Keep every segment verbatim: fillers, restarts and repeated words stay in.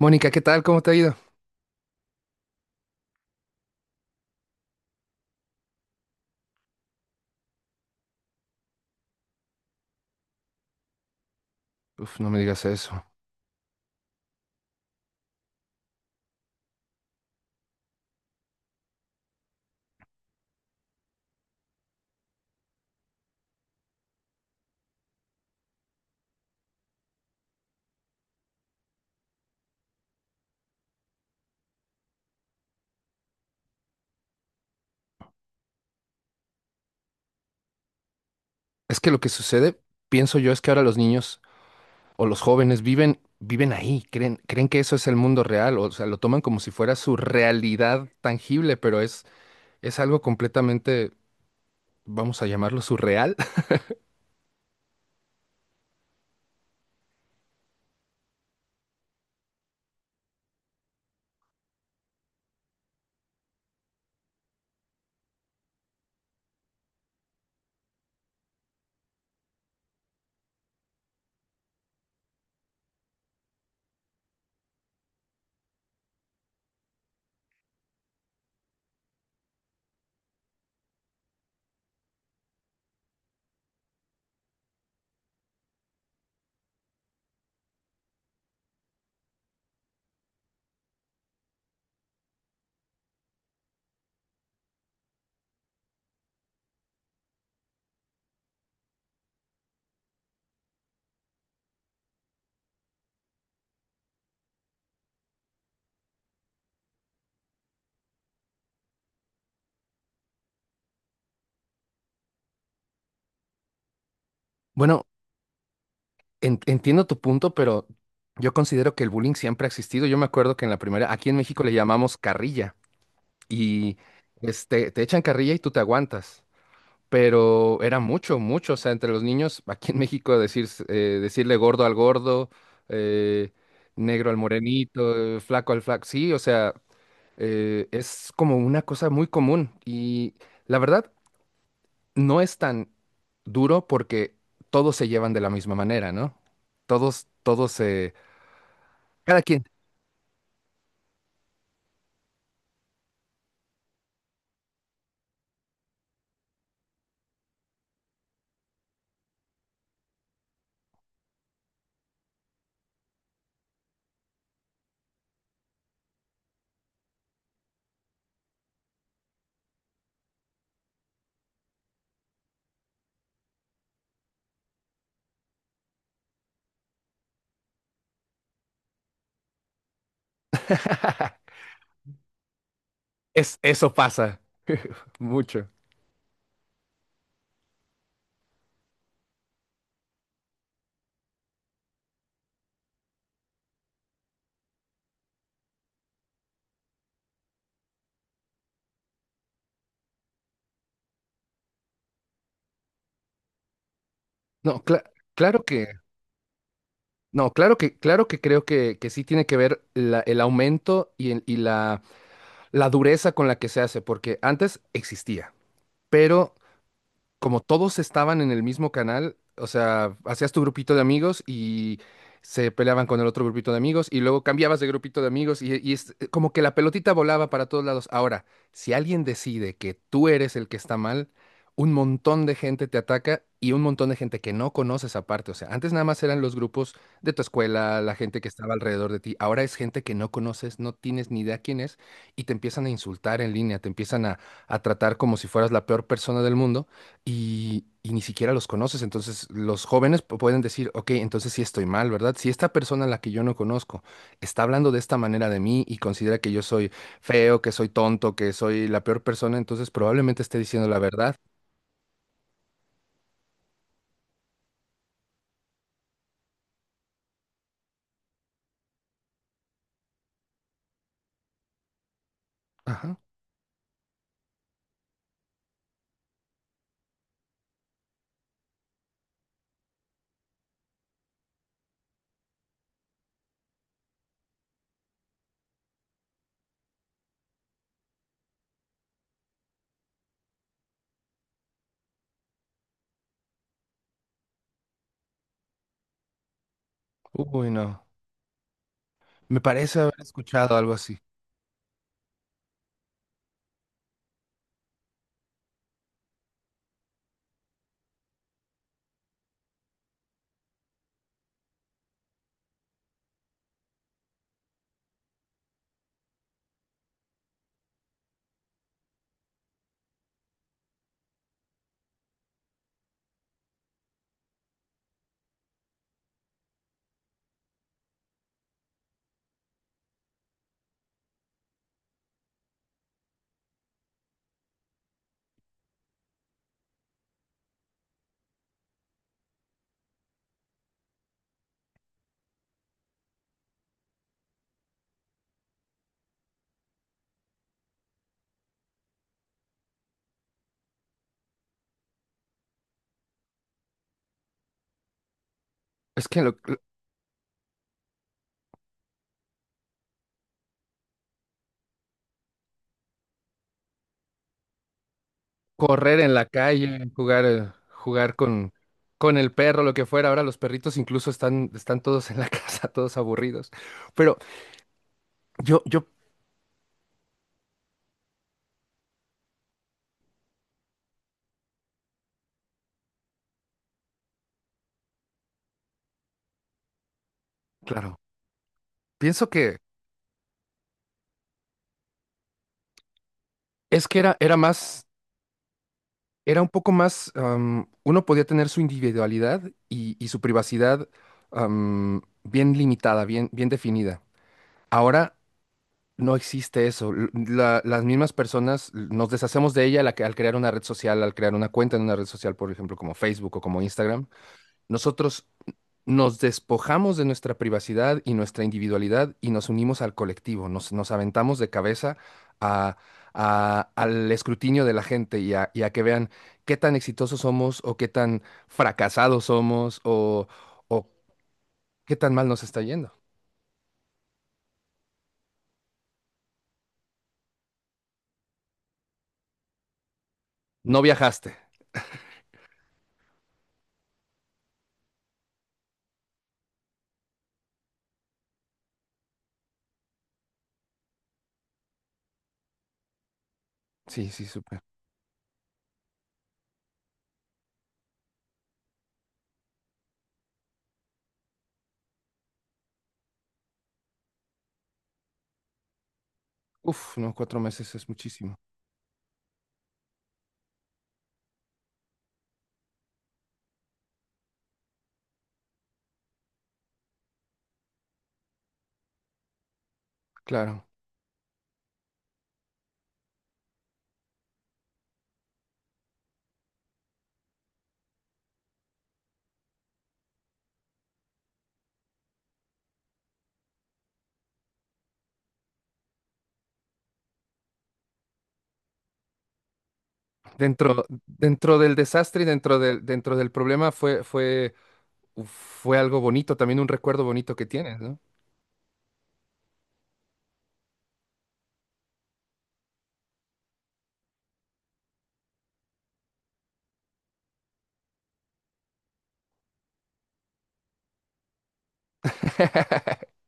Mónica, ¿qué tal? ¿Cómo te ha ido? Uf, no me digas eso. Es que lo que sucede, pienso yo, es que ahora los niños o los jóvenes viven, viven ahí, creen, creen que eso es el mundo real, o sea, lo toman como si fuera su realidad tangible, pero es, es algo completamente, vamos a llamarlo surreal. Bueno, en- entiendo tu punto, pero yo considero que el bullying siempre ha existido. Yo me acuerdo que en la primera, aquí en México le llamamos carrilla y este, te echan carrilla y tú te aguantas. Pero era mucho, mucho, o sea, entre los niños, aquí en México decir, eh, decirle gordo al gordo, eh, negro al morenito, eh, flaco al flaco, sí, o sea, eh, es como una cosa muy común y la verdad no es tan duro porque todos se llevan de la misma manera, ¿no? Todos, todos, eh, cada quien. Es, eso pasa mucho. No, cla- claro que... No, claro que, claro que creo que, que sí tiene que ver la- el aumento y, el- y la, la dureza con la que se hace, porque antes existía, pero como todos estaban en el mismo canal, o sea, hacías tu grupito de amigos y se peleaban con el otro grupito de amigos y luego cambiabas de grupito de amigos y, y es como que la pelotita volaba para todos lados. Ahora, si alguien decide que tú eres el que está mal, un montón de gente te ataca y un montón de gente que no conoces aparte. O sea, antes nada más eran los grupos de tu escuela, la gente que estaba alrededor de ti. Ahora es gente que no conoces, no tienes ni idea quién es y te empiezan a insultar en línea, te empiezan a a tratar como si fueras la peor persona del mundo y, y ni siquiera los conoces. Entonces los jóvenes pu- pueden decir, ok, entonces sí estoy mal, ¿verdad? Si esta persona a la que yo no conozco está hablando de esta manera de mí y considera que yo soy feo, que soy tonto, que soy la peor persona, entonces probablemente esté diciendo la verdad. Ajá. Uy, no. Me parece haber escuchado algo así. Es que lo- lo- Correr en la calle, jugar, eh, jugar con, con el perro, lo que fuera. Ahora los perritos incluso están, están todos en la casa, todos aburridos. Pero yo, yo, claro, pienso que Es que era, era más, era un poco más, am, uno podía tener su individualidad y, y su privacidad am, bien limitada, bien, bien definida. Ahora no existe eso. L- la- las mismas personas l- nos deshacemos de ella la que- al crear una red social, al crear una cuenta en una red social, por ejemplo, como Facebook o como Instagram. Nosotros nos despojamos de nuestra privacidad y nuestra individualidad y nos unimos al colectivo, nos, nos aventamos de cabeza a- a- al escrutinio de la gente y a, y a que vean qué tan exitosos somos o qué tan fracasados somos o, o qué tan mal nos está yendo. No viajaste. Sí, sí, súper. Uf, no, cuatro meses es muchísimo. Claro. Dentro, dentro del desastre y dentro del, dentro del problema fue, fue, fue algo bonito, también un recuerdo bonito que tienes, ¿no?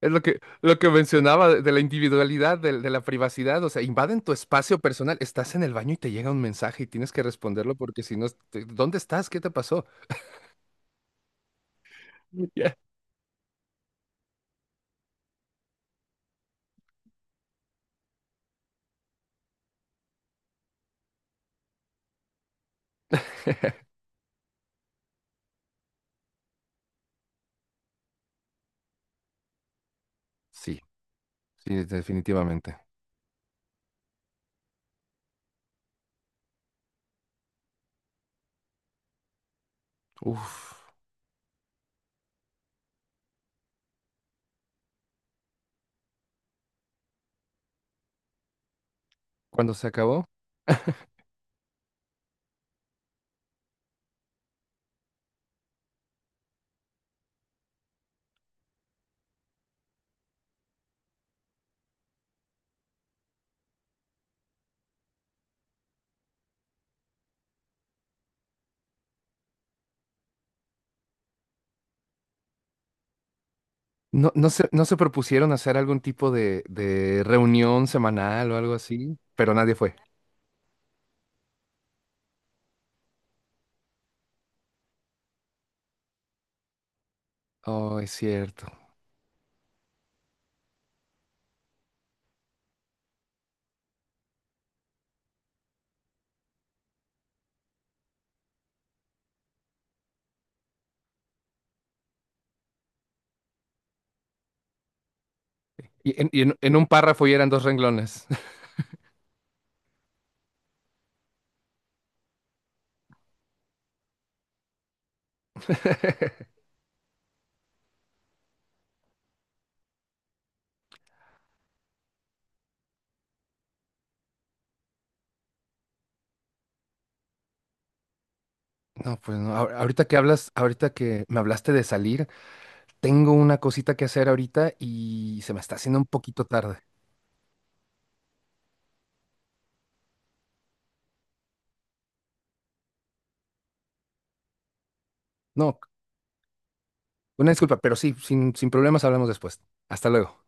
Es lo que, lo que mencionaba de de la individualidad, de, de la privacidad, o sea, invaden tu espacio personal, estás en el baño y te llega un mensaje y tienes que responderlo porque si no, te- ¿dónde estás? ¿Qué te pasó? Ya. Sí, sí, definitivamente. Uf, cuando se acabó, no, no se, no se propusieron hacer algún tipo de, de reunión semanal o algo así, pero nadie fue. Oh, es cierto. Y en, y en- en un párrafo y eran dos renglones. No, pues no. ahor- Ahorita que hablas, ahorita que me hablaste de salir, tengo una cosita que hacer ahorita y se me está haciendo un poquito tarde. No, una disculpa, pero sí, sin, sin problemas hablamos después. Hasta luego.